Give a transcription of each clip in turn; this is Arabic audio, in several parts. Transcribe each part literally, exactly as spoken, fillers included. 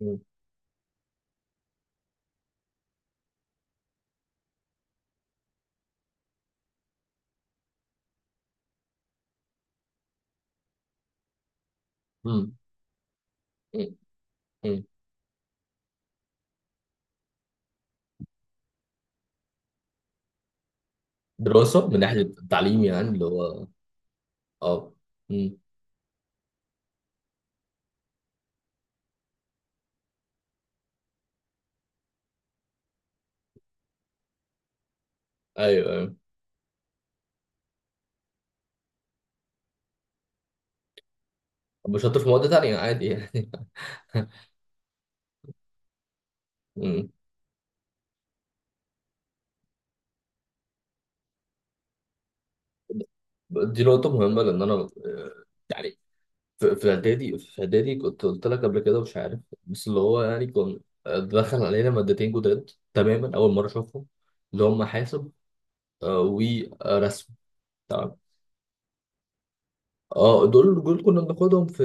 مم. مم. مم. مم. دراسة من ناحية التعليم، يعني اللي هو؟ اه. مم. ايوه، ايوه. طب مش شاطر في مواد تانية عادي يعني. مم. دي نقطة مهمة، لأن أنا، آه، يعني في في إعدادي، في إعدادي كنت قلت لك قبل كده، مش عارف، بس اللي هو يعني كان، آه، دخل علينا مادتين جداد تماما، أول مرة أشوفهم، اللي هم حاسب آه، ورسم. اه، دول دول كنا بناخدهم في،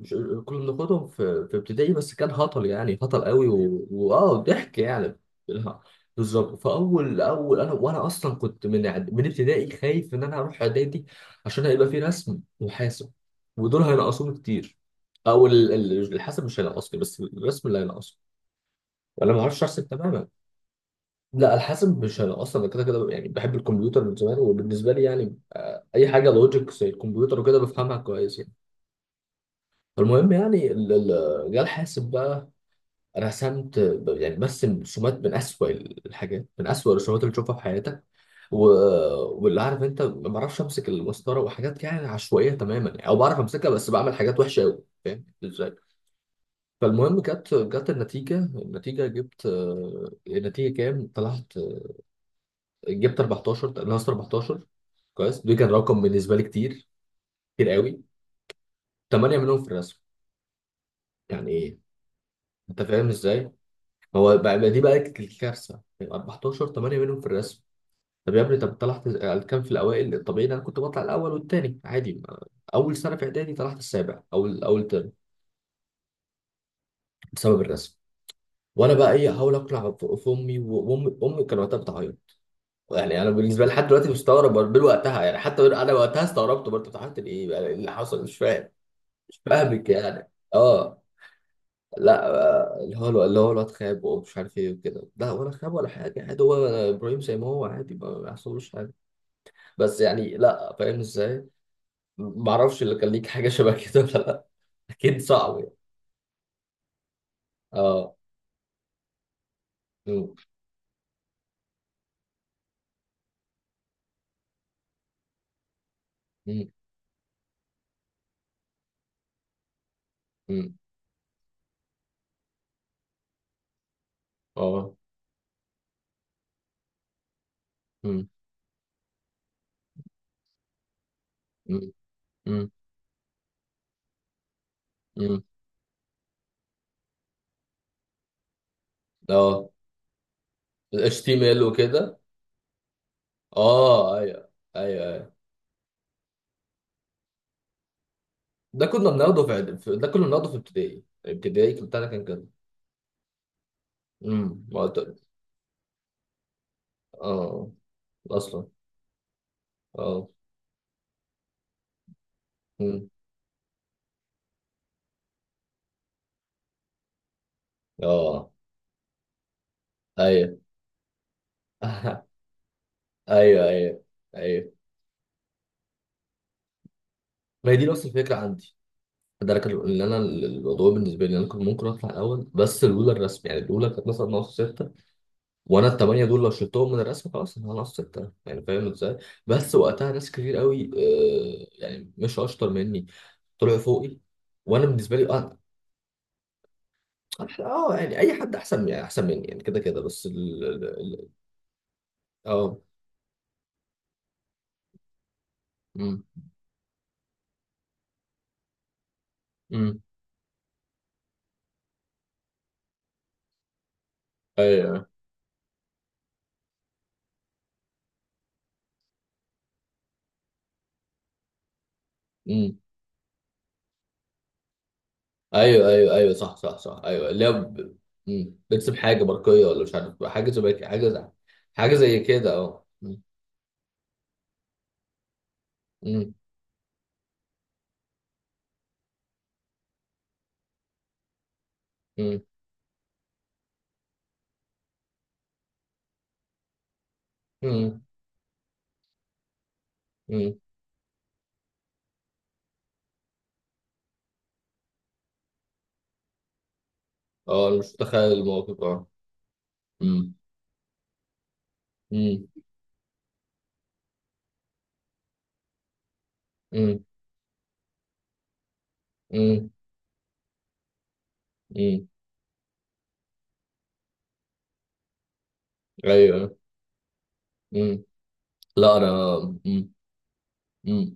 مش، كنا بناخدهم في في ابتدائي، بس كان هطل يعني هطل قوي، و- واه ضحك يعني. بالها- بالظبط، فاول اول انا وانا اصلا كنت من إعد- من ابتدائي خايف ان انا اروح اعدادي، عشان هيبقى في رسم وحاسب، ودول هينقصوني كتير. او ال- ال- الحاسب مش هينقصني، بس الرسم اللي هينقصني، وانا ما اعرفش ارسم تماما. لا، الحاسب مش هينقصني، انا كده كده يعني بحب الكمبيوتر من زمان، وبالنسبه لي يعني اي حاجه لوجيك زي الكمبيوتر وكده بفهمها كويس يعني. فالمهم يعني ال- ال- جه الحاسب بقى، رسمت، يعني برسم رسومات من أسوأ الحاجات، من أسوأ الرسومات اللي تشوفها في حياتك، و... واللي عارف انت ما بعرفش امسك المسطره، وحاجات يعني عشوائيه تماما يعني، او بعرف امسكها بس بعمل حاجات وحشه قوي، فاهم ازاي؟ فالمهم جت جت النتيجه النتيجه، جبت، آه، النتيجه كام طلعت، آه، جبت أربعتاشر، ناقص أربعتاشر. كويس، ده كان رقم بالنسبه لي كتير، كتير قوي. تمنية منهم في الرسم، يعني ايه، انت فاهم ازاي؟ هو بقى بقى دي بقى الكارثه، أربعة عشر، ثمانية منهم في الرسم. طب يا ابني، طب طلعت كام في الاوائل؟ الطبيعي إن انا كنت بطلع الاول والتاني عادي، ما- اول سنه في اعدادي طلعت السابع، او اول ترم، بسبب الرسم. وانا بقى ايه، احاول اقنع ف- في امي، و- وامي امي كان وقتها بتعيط. يعني انا بالنسبه لي لحد دلوقتي مستغرب برضه من وقتها، يعني حتى من- انا وقتها استغربت برضه، بتعيط ليه بقى، إيه اللي حصل، مش فاهم. مش فاهمك يعني. اه. لا. آه، اللي هو اللي هو الواد خاب ومش عارف ايه وكده، لا، ولا خاب ولا حاجه، عادي، هو ابراهيم زي ما هو عادي، ما ما يحصلوش حاجه. بس يعني لا فاهم ازاي، ما اعرفش اللي كان ليك حاجه شبه كده ولا لا. اكيد صعب يعني. اه. أمم. أمم. أمم. اه. أمم. أمم. أمم. أمم. اه، الاتش تي ام ال وكده. اه، ايوه، ايوه، ايوه. ده كنا بناخده في إعداد- في- ده كنا بناخده في ابتدائي، ابتدائي كان بتاعنا كان كده. امم ما قلت- اه، اصلا. اه. أمم. اه. ايوه. ايوه، ايوه، ايوه، ما هي دي نفس الفكره عندي. ده انا كان ان انا الموضوع بالنسبه لي، إن انا كنت ممكن اطلع الاول، بس الاولى الرسم، يعني الاولى كانت مثلا ناقص سته، وانا الثمانيه دول لو شلتهم من الرسم خلاص انا ناقص سته، يعني فاهم ازاي؟ بس وقتها ناس كتير قوي، آه، يعني مش اشطر مني، طلعوا فوقي، وانا بالنسبه لي اه. أح- اه يعني اي حد احسن، يعني احسن مني يعني، كده كده، بس ال ال- ال- اه. امم، امم. ايوه. امم. ايوه، ايوه، ايوه، صح، صح، صح، ايوه، اللي هي ب- مم. بتسيب حاجه برقيه، ولا مش عارف، حاجه زي، حاجه زي حاجه زي كده، اه. مم. مم. مم. مم. مم. اه، انا مش متخيل الموقف، اه. مم. مم. مم. مم. مم. ايوه. مم. لا انا. مم. مم.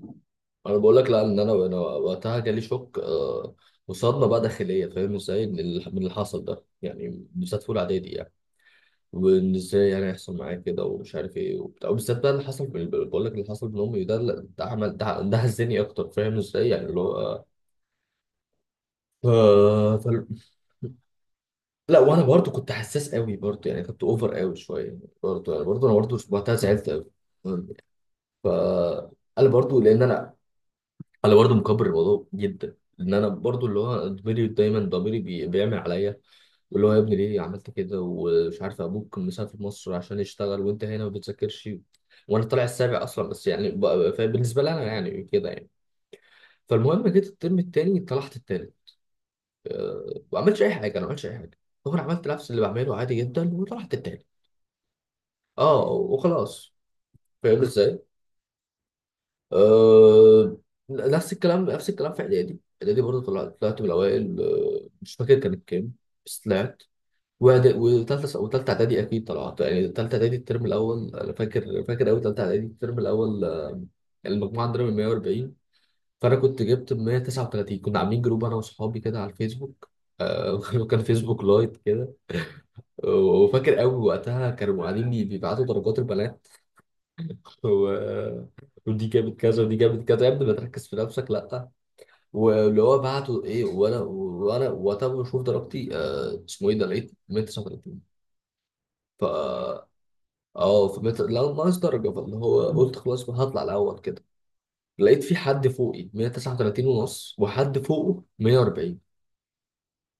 انا بقول لك، لا، ان انا انا وقتها جالي شوك، آه، وصدمه بقى داخليه، فاهم ازاي، من اللي من اللي حصل ده يعني، بالذات في اولى اعدادي يعني. وان ازاي يعني هيحصل معايا كده، ومش عارف ايه وبتاع، وبالذات بقى اللي حصل من، بقول لك اللي حصل من امي ده، لا، ده عمل ده ده هزني اكتر، فاهم ازاي، يعني اللي هو، آه، فال... لا، وانا برضو كنت حساس قوي برضو يعني، كنت اوفر قوي شويه برضو، يعني برضو انا برضو وقتها زعلت قوي. ف، انا برضو لان انا، انا برضو مكبر الموضوع جدا، ان انا برضو اللي هو ضميري دايما، ضميري بي... بيعمل عليا، واللي هو يا ابني ليه عملت كده، ومش عارف، ابوك مسافر مصر عشان يشتغل، وانت هنا ما بتذاكرش، وانا طالع السابع اصلا، بس يعني ب- فبالنسبه لي انا يعني كده يعني. فالمهم جيت الترم التاني طلعت التاني، أه، ما عملتش اي حاجه، انا ما عملتش اي حاجه، هو انا عملت نفس اللي بعمله عادي جدا، وطلعت التاني، اه، وخلاص، فاهم ازاي؟ أه. نفس الكلام، نفس الكلام في اعدادي، اعدادي برضه طلعت طلعت من الاوائل، أه، مش فاكر كانت كام، بس طلعت. وإعد- وتالتة وتالتة إعدادي أكيد طلعت، يعني تالتة إعدادي الترم الأول أنا فاكر، فاكر أوي، تالتة إعدادي الترم الأول، آه، المجموعة عندنا من مية وأربعين، فأنا كنت جبت مية تسعة وتلاتين. كنا عاملين جروب أنا وصحابي كده على الفيسبوك، آه، كان فيسبوك لايت كده، وفاكر أوي وقتها كانوا قاعدين ي- بيبعتوا درجات البنات، و... ودي جابت كذا، ودي جابت كذا، يا ابني ما تركز في نفسك، لأ، واللي هو بعته إيه، وأنا وأنا وقتها بشوف درجتي، آه، اسمه إيه ده، لقيت مية تسعة وتلاتين، اه، فمت... لا، ناقص درجة، فاللي هو قلت خلاص ما هطلع الأول كده، لقيت في حد فوقي مية تسعة وتلاتين ونص، وحد فوقه مئة وأربعين.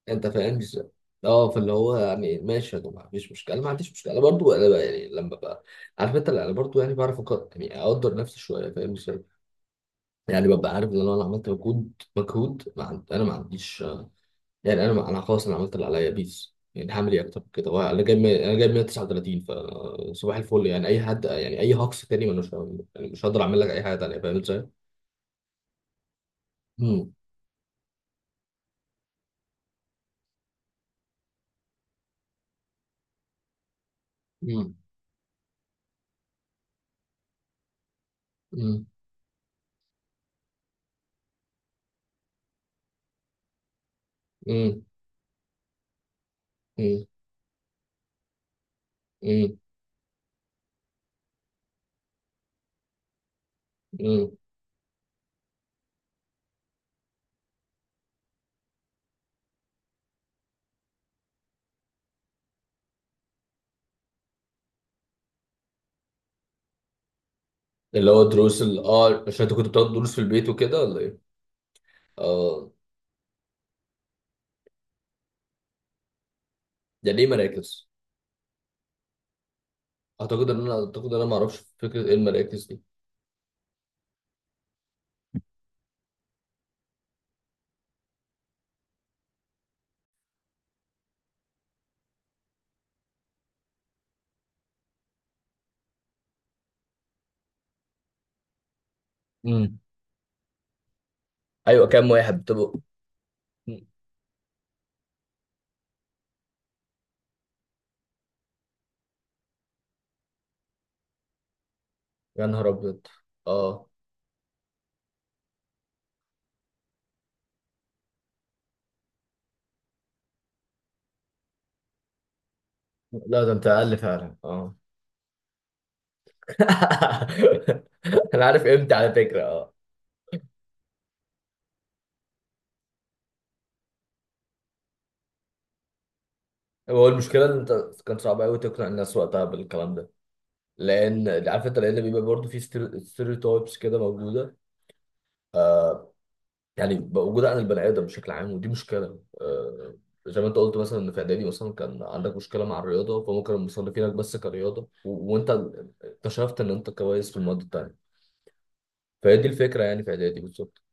أنت فاهم ازاي؟ اه، فاللي هو يعني ماشي يا جماعة، مفيش مشكلة، أنا ما عنديش مشكلة، أنا برضو أنا بقى يعني لما ببقى عارف أنت، لا، أنا برضو يعني بعرف أقدر، يعني أقدر نفسي شوية، فاهم ازاي؟ يعني ببقى عارف إن أنا لو عملت مجهود مجهود، ما عند... أنا ما عنديش، يعني انا انا خلاص انا عملت اللي عليا بيس، يعني هعمل ايه اكتر من كده، هو انا جايب مية- انا جايب مية تسعة وتلاتين فصباح الفل يعني، اي حد يعني، اي هاكس تاني، ما مش يعني مش هقدر اعمل لك اي حاجه تانيه، فاهم ازاي؟ مم. مم. مم. مم. مم. مم. مم. اللي هو دروس، ال اه عشان انت كنت بتاخد دروس في البيت وكده ولا ايه؟ اه. يعني ايه مراكز؟ اعتقد ان انا اعتقد ان انا ما اعرفش فكره ايه المراكز دي. مم. ايوه، كام واحد بتبقوا؟ يا نهار ابيض. اه. لا ده انت اقل فعلا، اه. انا عارف امتى، على فكره، اه. هو المشكله ان انت كان صعب قوي تقنع الناس وقتها بالكلام ده، لان عارف انت، لان بيبقى برضه في ستيريوتايبس كده موجوده، آه يعني موجوده عن البني ادم بشكل عام، ودي مشكله، آه زي ما انت قلت مثلا، ان في اعدادي مثلا كان عندك مشكله مع الرياضه، فممكن مصنفينك بس كرياضه، و- وانت اكتشفت ان انت كويس في المواد التانيه، فهي دي الفكره يعني، في اعدادي بالظبط.